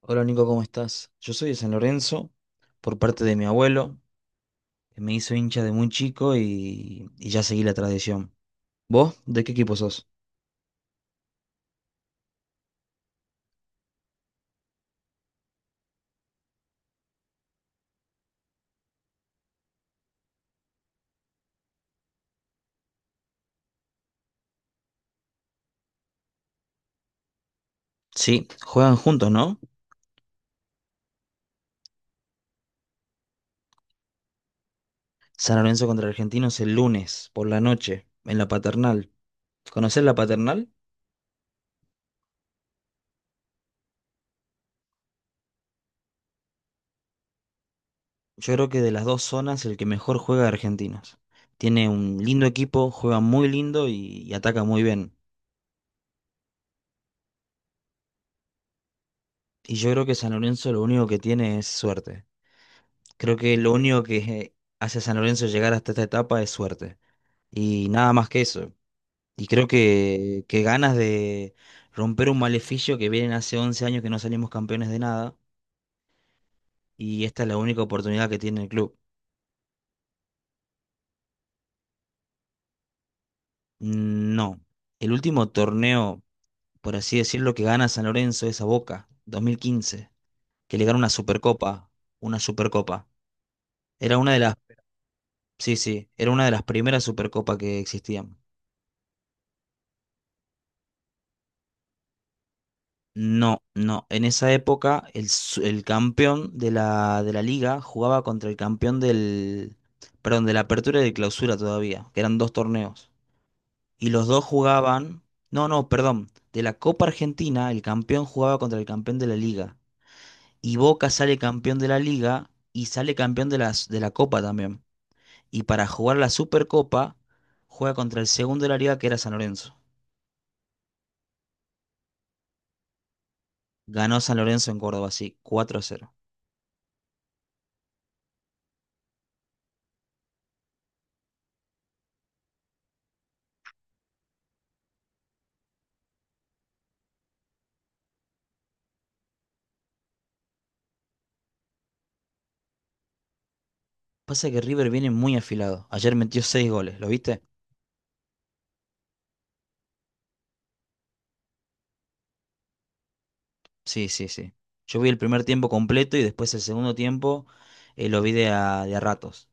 Hola Nico, ¿cómo estás? Yo soy de San Lorenzo, por parte de mi abuelo, que me hizo hincha de muy chico y ya seguí la tradición. ¿Vos? ¿De qué equipo sos? Sí, juegan juntos, ¿no? San Lorenzo contra Argentinos el lunes, por la noche, en la Paternal. ¿Conocés la Paternal? Yo creo que de las dos zonas el que mejor juega es Argentinos. Tiene un lindo equipo, juega muy lindo y ataca muy bien. Y yo creo que San Lorenzo lo único que tiene es suerte. Creo que lo único que hace a San Lorenzo llegar hasta esta etapa es suerte. Y nada más que eso. Y creo que ganas de romper un maleficio que vienen hace 11 años que no salimos campeones de nada. Y esta es la única oportunidad que tiene el club. Mm, no. El último torneo, por así decirlo, que gana San Lorenzo es a Boca, 2015. Que le gana una Supercopa. Una Supercopa. Era una de las... Sí, sí. Era una de las primeras Supercopas que existían. No, no. En esa época el campeón de la liga jugaba contra el campeón del, perdón, de la apertura y de clausura todavía, que eran dos torneos. Y los dos jugaban, no, no, perdón, de la Copa Argentina el campeón jugaba contra el campeón de la liga. Y Boca sale campeón de la liga y sale campeón de las, de la Copa también. Y para jugar la Supercopa juega contra el segundo de la liga que era San Lorenzo. Ganó San Lorenzo en Córdoba, sí, 4-0. Pasa que River viene muy afilado. Ayer metió seis goles, ¿lo viste? Sí, sí, sí. Yo vi el primer tiempo completo y después el segundo tiempo lo vi de a ratos.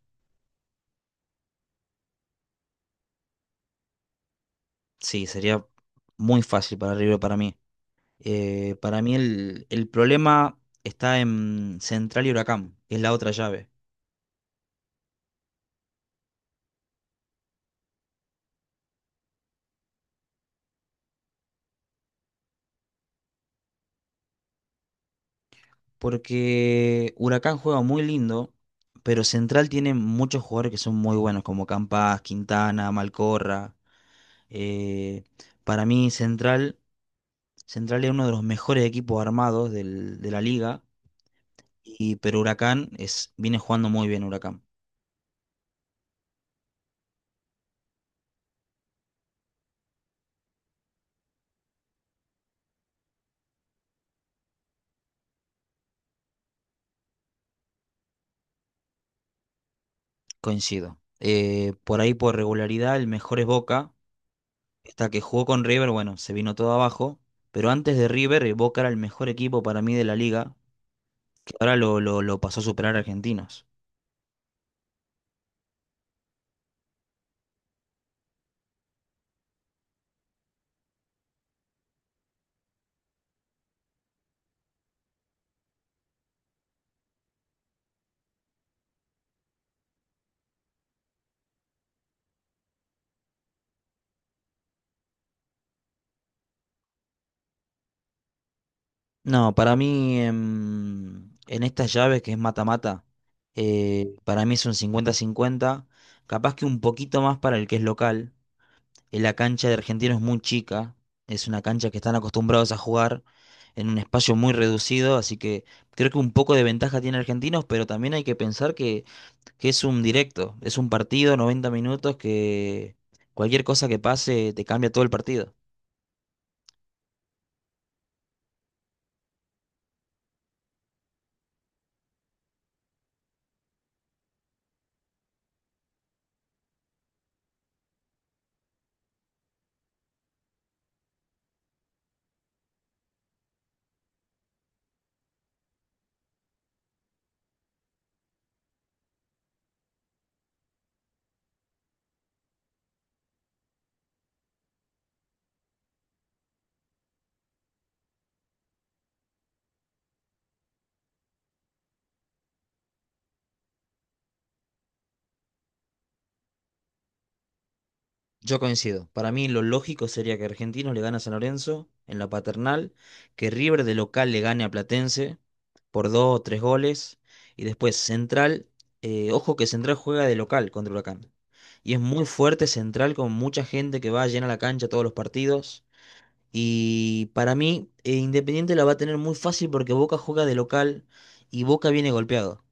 Sí, sería muy fácil para River para mí. Para mí el problema está en Central y Huracán, que es la otra llave. Porque Huracán juega muy lindo, pero Central tiene muchos jugadores que son muy buenos, como Campas, Quintana, Malcorra. Eh, para mí Central es uno de los mejores equipos armados de la liga, pero Huracán es, viene jugando muy bien Huracán, coincido. Por ahí por regularidad el mejor es Boca, hasta que jugó con River, bueno, se vino todo abajo, pero antes de River Boca era el mejor equipo para mí de la liga, que ahora lo pasó a superar a Argentinos. No, para mí en estas llaves que es mata-mata, para mí es un 50-50, capaz que un poquito más para el que es local. La cancha de Argentino es muy chica, es una cancha que están acostumbrados a jugar en un espacio muy reducido, así que creo que un poco de ventaja tiene Argentinos, pero también hay que pensar que es un directo, es un partido, 90 minutos, que cualquier cosa que pase te cambia todo el partido. Yo coincido. Para mí lo lógico sería que Argentinos le gane a San Lorenzo en la Paternal, que River de local le gane a Platense por dos o tres goles. Y después Central, ojo que Central juega de local contra Huracán. Y es muy fuerte Central con mucha gente que va llena la cancha todos los partidos. Y para mí, Independiente la va a tener muy fácil porque Boca juega de local y Boca viene golpeado.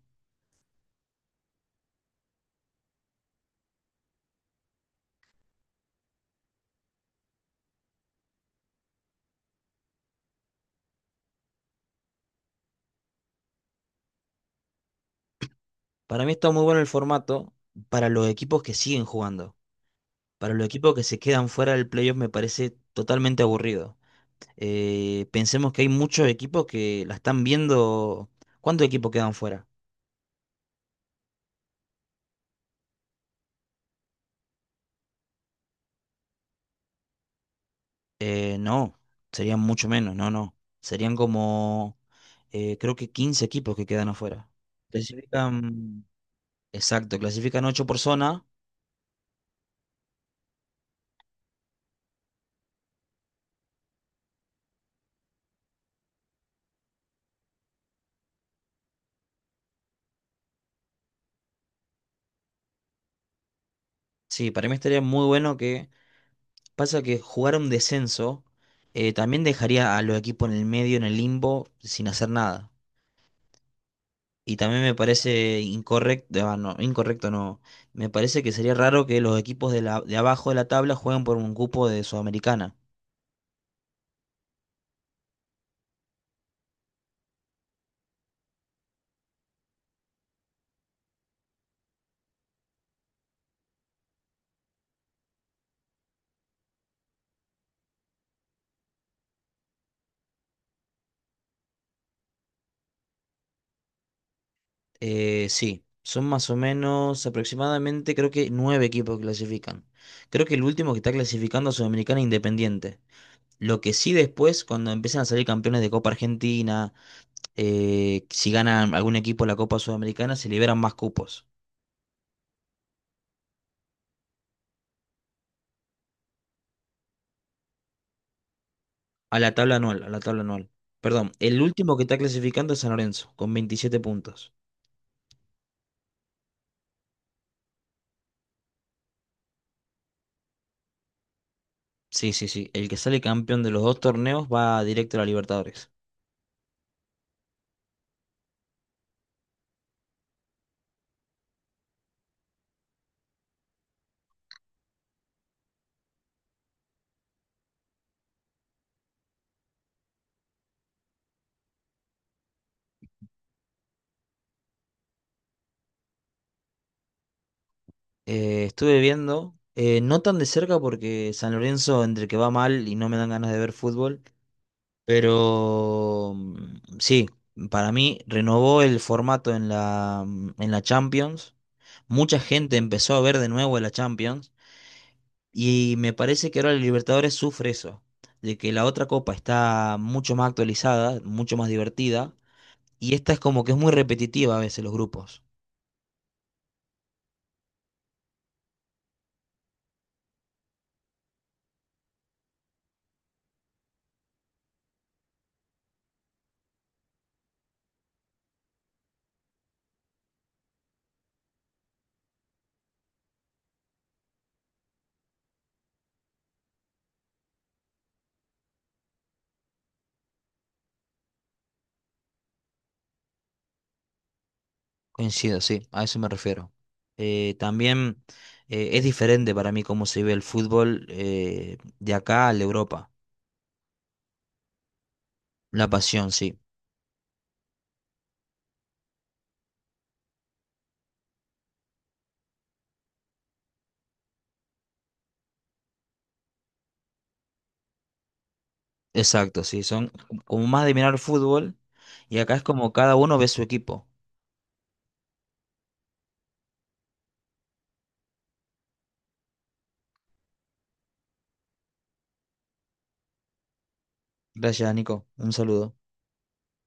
Para mí está muy bueno el formato para los equipos que siguen jugando. Para los equipos que se quedan fuera del playoff me parece totalmente aburrido. Pensemos que hay muchos equipos que la están viendo. ¿Cuántos equipos quedan fuera? No, serían mucho menos, no, no. Serían como, creo que 15 equipos que quedan afuera. Clasifican, exacto, clasifican 8 por zona. Sí, para mí estaría muy bueno pasa que jugar un descenso también dejaría a los equipos en el medio, en el limbo, sin hacer nada. Y también me parece incorrecto, ah, no, incorrecto no, me parece que sería raro que los equipos de abajo de la tabla jueguen por un cupo de Sudamericana. Sí, son más o menos aproximadamente creo que nueve equipos que clasifican. Creo que el último que está clasificando a Sudamericana es Independiente. Lo que sí después, cuando empiezan a salir campeones de Copa Argentina, si ganan algún equipo la Copa Sudamericana, se liberan más cupos. A la tabla anual, a la tabla anual. Perdón, el último que está clasificando es San Lorenzo, con 27 puntos. Sí, sí, sí. El que sale campeón de los dos torneos va directo a la Libertadores. Estuve viendo, no tan de cerca porque San Lorenzo entre que va mal y no me dan ganas de ver fútbol, pero sí, para mí renovó el formato en la Champions. Mucha gente empezó a ver de nuevo la Champions y me parece que ahora la Libertadores sufre eso, de que la otra copa está mucho más actualizada, mucho más divertida y esta es como que es muy repetitiva a veces los grupos. Coincido, sí, a eso me refiero. También es diferente para mí cómo se ve el fútbol de acá a la Europa. La pasión, sí. Exacto, sí. Son como más de mirar el fútbol y acá es como cada uno ve su equipo. Gracias, Nico. Un saludo.